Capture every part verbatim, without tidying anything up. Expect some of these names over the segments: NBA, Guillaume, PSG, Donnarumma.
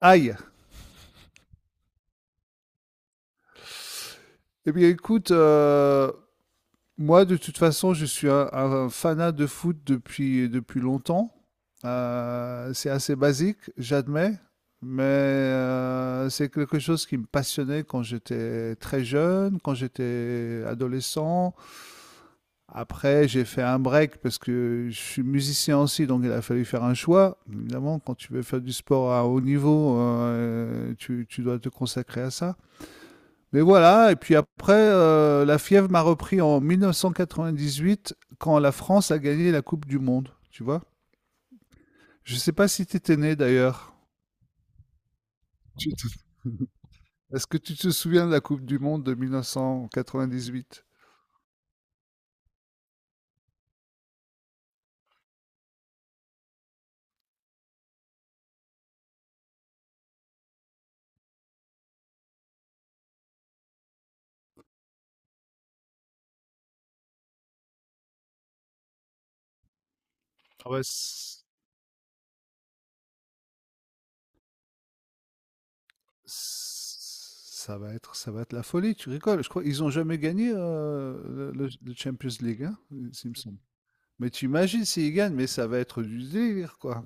Aïe. Eh bien, écoute, euh, moi, de toute façon, je suis un, un fanat de foot depuis, depuis longtemps. Euh, c'est assez basique, j'admets, mais euh, c'est quelque chose qui me passionnait quand j'étais très jeune, quand j'étais adolescent. Après, j'ai fait un break parce que je suis musicien aussi, donc il a fallu faire un choix. Évidemment, quand tu veux faire du sport à haut niveau, euh, tu, tu dois te consacrer à ça. Mais voilà, et puis après, euh, la fièvre m'a repris en mille neuf cent quatre-vingt-dix-huit quand la France a gagné la Coupe du Monde, tu vois. Je sais pas si tu étais né d'ailleurs. Tu te- Est-ce que tu te souviens de la Coupe du Monde de mille neuf cent quatre-vingt-dix-huit? Ah ouais, c- ça va être, ça va être la folie, tu rigoles. Je crois qu'ils n'ont jamais gagné euh, le, le- le Champions League, hein, il il me semble. Mais tu imagines s'ils gagnent, mais ça va être du délire, quoi.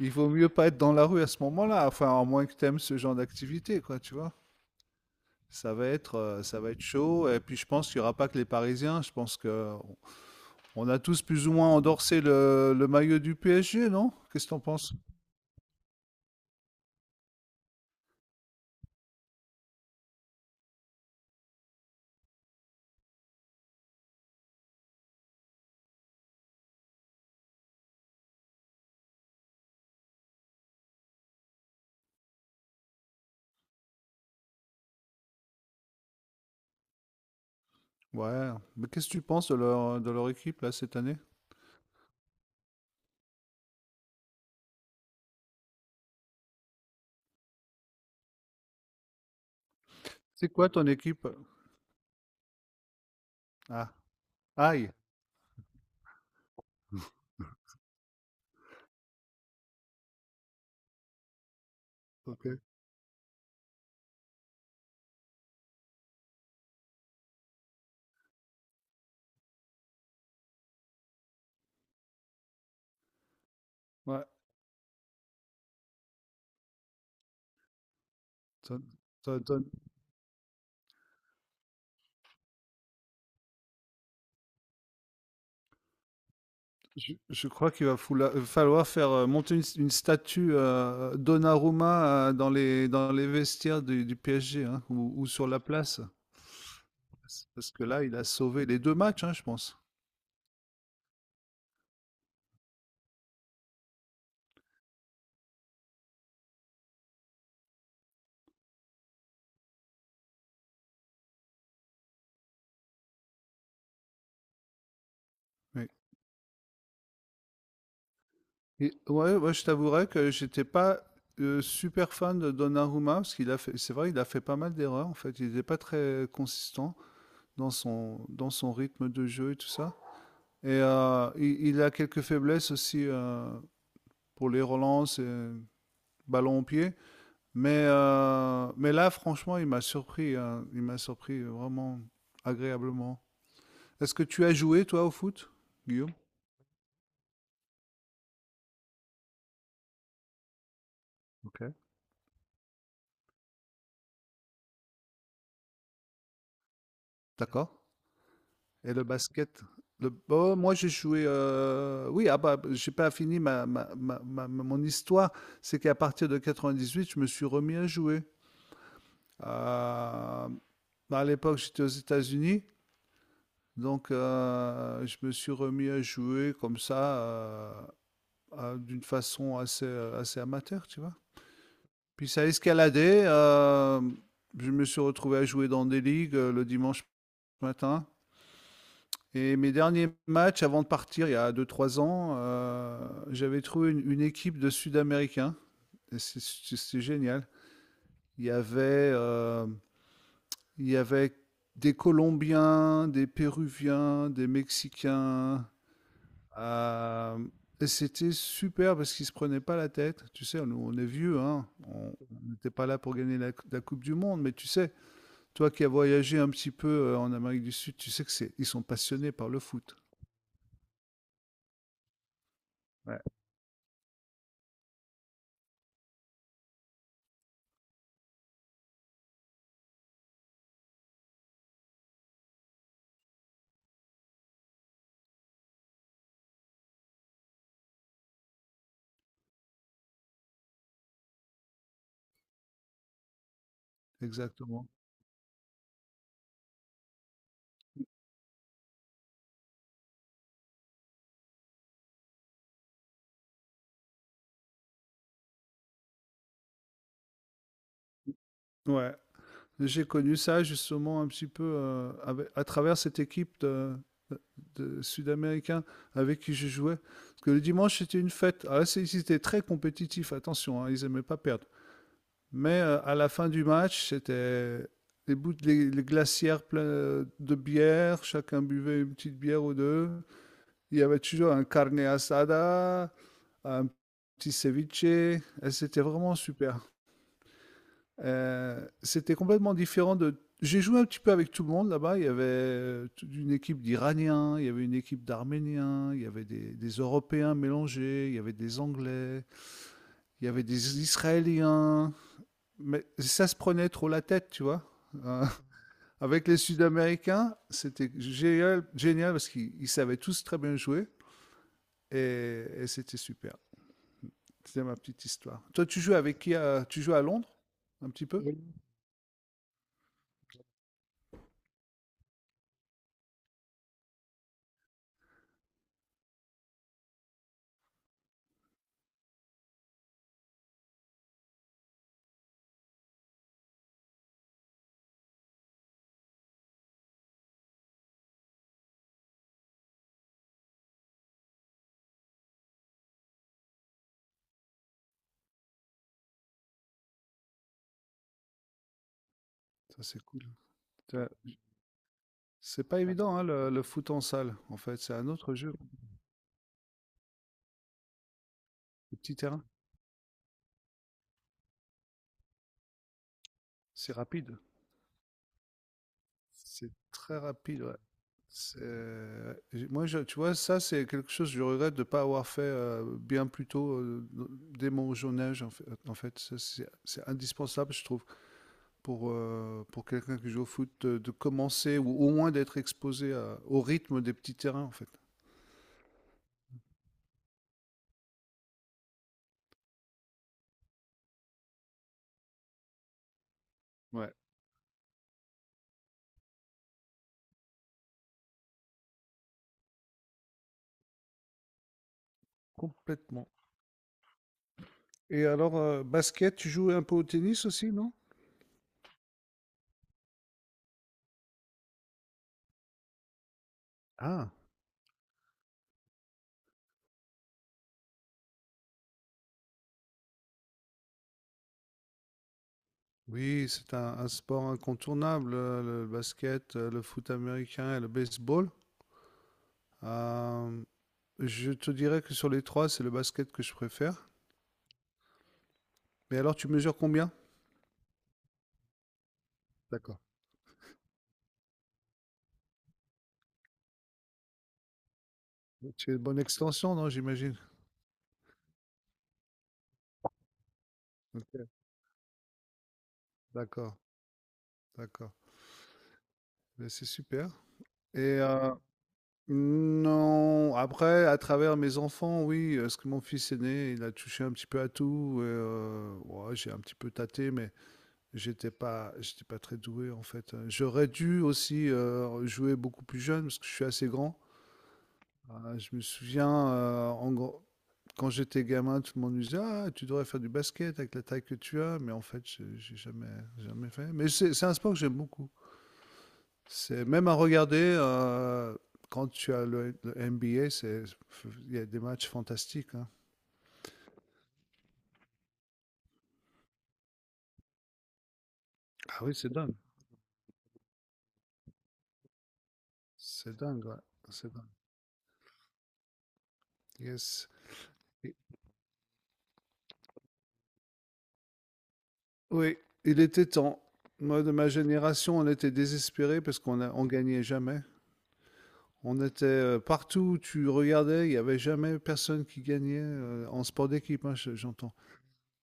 Il vaut mieux pas être dans la rue à ce moment-là, enfin, à moins que tu aimes ce genre d'activité, quoi, tu vois. Ça va être, euh, ça va être chaud. Et puis, je pense qu'il n'y aura pas que les Parisiens. Je pense que on a tous plus ou moins endorsé le, le maillot du P S G, non? Qu'est-ce que t'en penses? Ouais. Mais qu'est-ce que tu penses de leur, de leur équipe, là, cette année? C'est quoi ton équipe? Ah, aïe. Ok. Ouais. ton- Je je crois qu'il va foula- heu, falloir faire, heu, monter une s une statue, heu, Donnarumma, heu, dans les dans les vestiaires du du P S G, hein, ou ou sur la place. Parce que là, il a sauvé les deux matchs, hein, je pense. Oui. Et- ouais, moi je t'avouerais que j'étais pas euh, super fan de Donnarumma parce qu'il a fait, c'est vrai, il a fait pas mal d'erreurs en fait. Il n'était pas très consistant dans son dans son rythme de jeu et tout ça. Et euh, il, il a quelques faiblesses aussi euh, pour les relances et ballon au pied. Mais euh, mais là, franchement, il m'a surpris, hein. Il m'a surpris vraiment agréablement. Est-ce que tu as joué toi au foot, Guillaume? Ok. D'accord. Et le basket, le... oh, moi j'ai joué. euh, Oui, ah bah, j'ai pas fini ma, ma- ma- ma- ma- mon histoire. C'est qu'à partir de quatre-vingt-dix-huit, je me suis remis à jouer. Euh, À l'époque, j'étais aux États-Unis, donc euh, je me suis remis à jouer comme ça, euh, à- d'une façon assez, euh, assez amateur, tu vois. Puis ça a escaladé. euh, Je me suis retrouvé à jouer dans des ligues euh, le dimanche matin. Et mes derniers matchs, avant de partir, il y a deux trois ans, euh, j'avais trouvé une, une équipe de Sud-Américains. Et c'est- C'est c'est génial. Il y avait, euh, il y avait des Colombiens, des Péruviens, des Mexicains. euh, et c'était super parce qu'ils se prenaient pas la tête. Tu sais, nous, on est vieux, hein. On on n'était pas là pour gagner la, la Coupe du Monde, mais tu sais, toi qui as voyagé un petit peu euh, en Amérique du Sud, tu sais que c'est, ils sont passionnés par le foot. Ouais. Exactement. Ouais. J'ai connu ça justement un petit peu euh, avec- à travers cette équipe de, de Sud-Américains avec qui je jouais. Parce que le dimanche, c'était une fête. Ah, c'est- ils étaient très compétitifs, attention, hein, ils n'aimaient pas perdre. Mais euh, à la fin du match, c'était les, bouts de- les, les glacières pleines de bière, chacun buvait une petite bière ou deux. Il y avait toujours un carne asada, un petit ceviche, et c'était vraiment super. Heu, c'était complètement différent de j'ai joué un petit peu avec tout le monde là-bas. Il y avait, heu, toute une équipe d'Iraniens, il y avait une équipe d'Arméniens, il y avait des des Européens mélangés, il y avait des Anglais, il y avait des Israéliens, mais ça se prenait trop la tête, tu vois? Heu, Avec les Sud-Américains, c'était génial génial parce qu'ils ils savaient tous très bien jouer et et c'était super. C'était ma petite histoire. Toi, tu joues avec qui à tu joues à Londres, un petit peu? Oui. Ça, c'est cool. Tu C'est pas évident, hein, le, le foot en salle. En fait, c'est un autre jeu. Le petit terrain, c'est rapide. C'est très rapide, ouais. C'est- Moi, je- tu vois, ça, c'est quelque chose que je regrette de ne pas avoir fait euh, bien plus tôt, euh, dès mon jeune âge. En fait, en fait. Ça, c'est c'est indispensable, je trouve, pour, euh, pour quelqu'un qui joue au foot, de, de commencer ou au moins d'être exposé à- au rythme des petits terrains, en fait. Ouais, complètement. Et alors, euh, basket, tu joues un peu au tennis aussi, non? Ah. Oui, c'est un, un sport incontournable, euh, le basket, euh, le foot américain et le baseball. Euh, je te dirais que sur les trois, c'est le basket que je préfère. Mais alors, tu mesures combien? D'accord. Tu as une bonne extension, non, j'imagine. Ok. D'accord, d'accord. Mais c'est super. Et euh, non, après, à travers mes enfants, oui, parce que mon fils aîné, il a touché un petit peu à tout. Et, euh, ouais, j'ai un petit peu tâté, mais j'étais pas j'étais pas très doué en fait. J'aurais dû aussi euh, jouer beaucoup plus jeune parce que je suis assez grand. Euh, je me souviens euh, en gros, quand j'étais gamin, tout le monde me disait ah tu devrais faire du basket avec la taille que tu as, mais en fait j'ai j'ai jamais jamais fait. Mais c'est c'est un sport que j'aime beaucoup. C'est même à regarder euh, quand tu as le, le N B A, c'est il y a des matchs fantastiques, hein. Ah oui, c'est dingue. C'est dingue, ouais. C'est dingue. Yes. Oui, il était temps. Moi, de ma génération, on était désespérés parce qu'on a, on gagnait jamais. On était euh, partout où tu regardais, il n'y avait jamais personne qui gagnait euh, en sport d'équipe, hein, je- j'entends.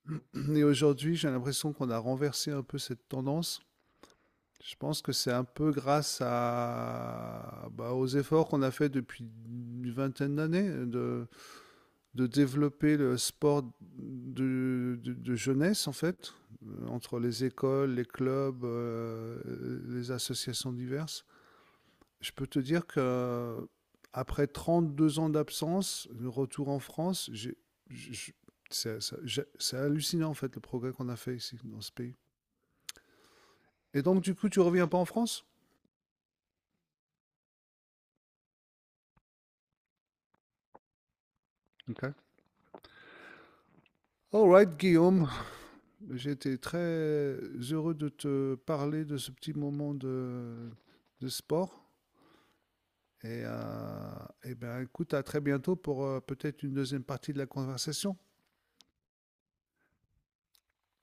Et aujourd'hui, j'ai l'impression qu'on a renversé un peu cette tendance. Je pense que c'est un peu grâce à, bah, aux efforts qu'on a fait depuis une vingtaine d'années de, de développer le sport de, de- de jeunesse, en fait, euh, entre les écoles, les clubs, euh, les associations diverses. Je peux te dire que après trente-deux ans d'absence, le retour en France, j'ai- je- je- c'est ça- j'ai- c'est hallucinant, en fait, le progrès qu'on a fait ici, dans ce pays. Et donc, du coup, tu reviens pas en France? Ok. All right, Guillaume, j'ai été très heureux de te parler de ce petit moment de, de sport. Et, euh, et ben, écoute, à très bientôt pour euh, peut-être une deuxième partie de la conversation.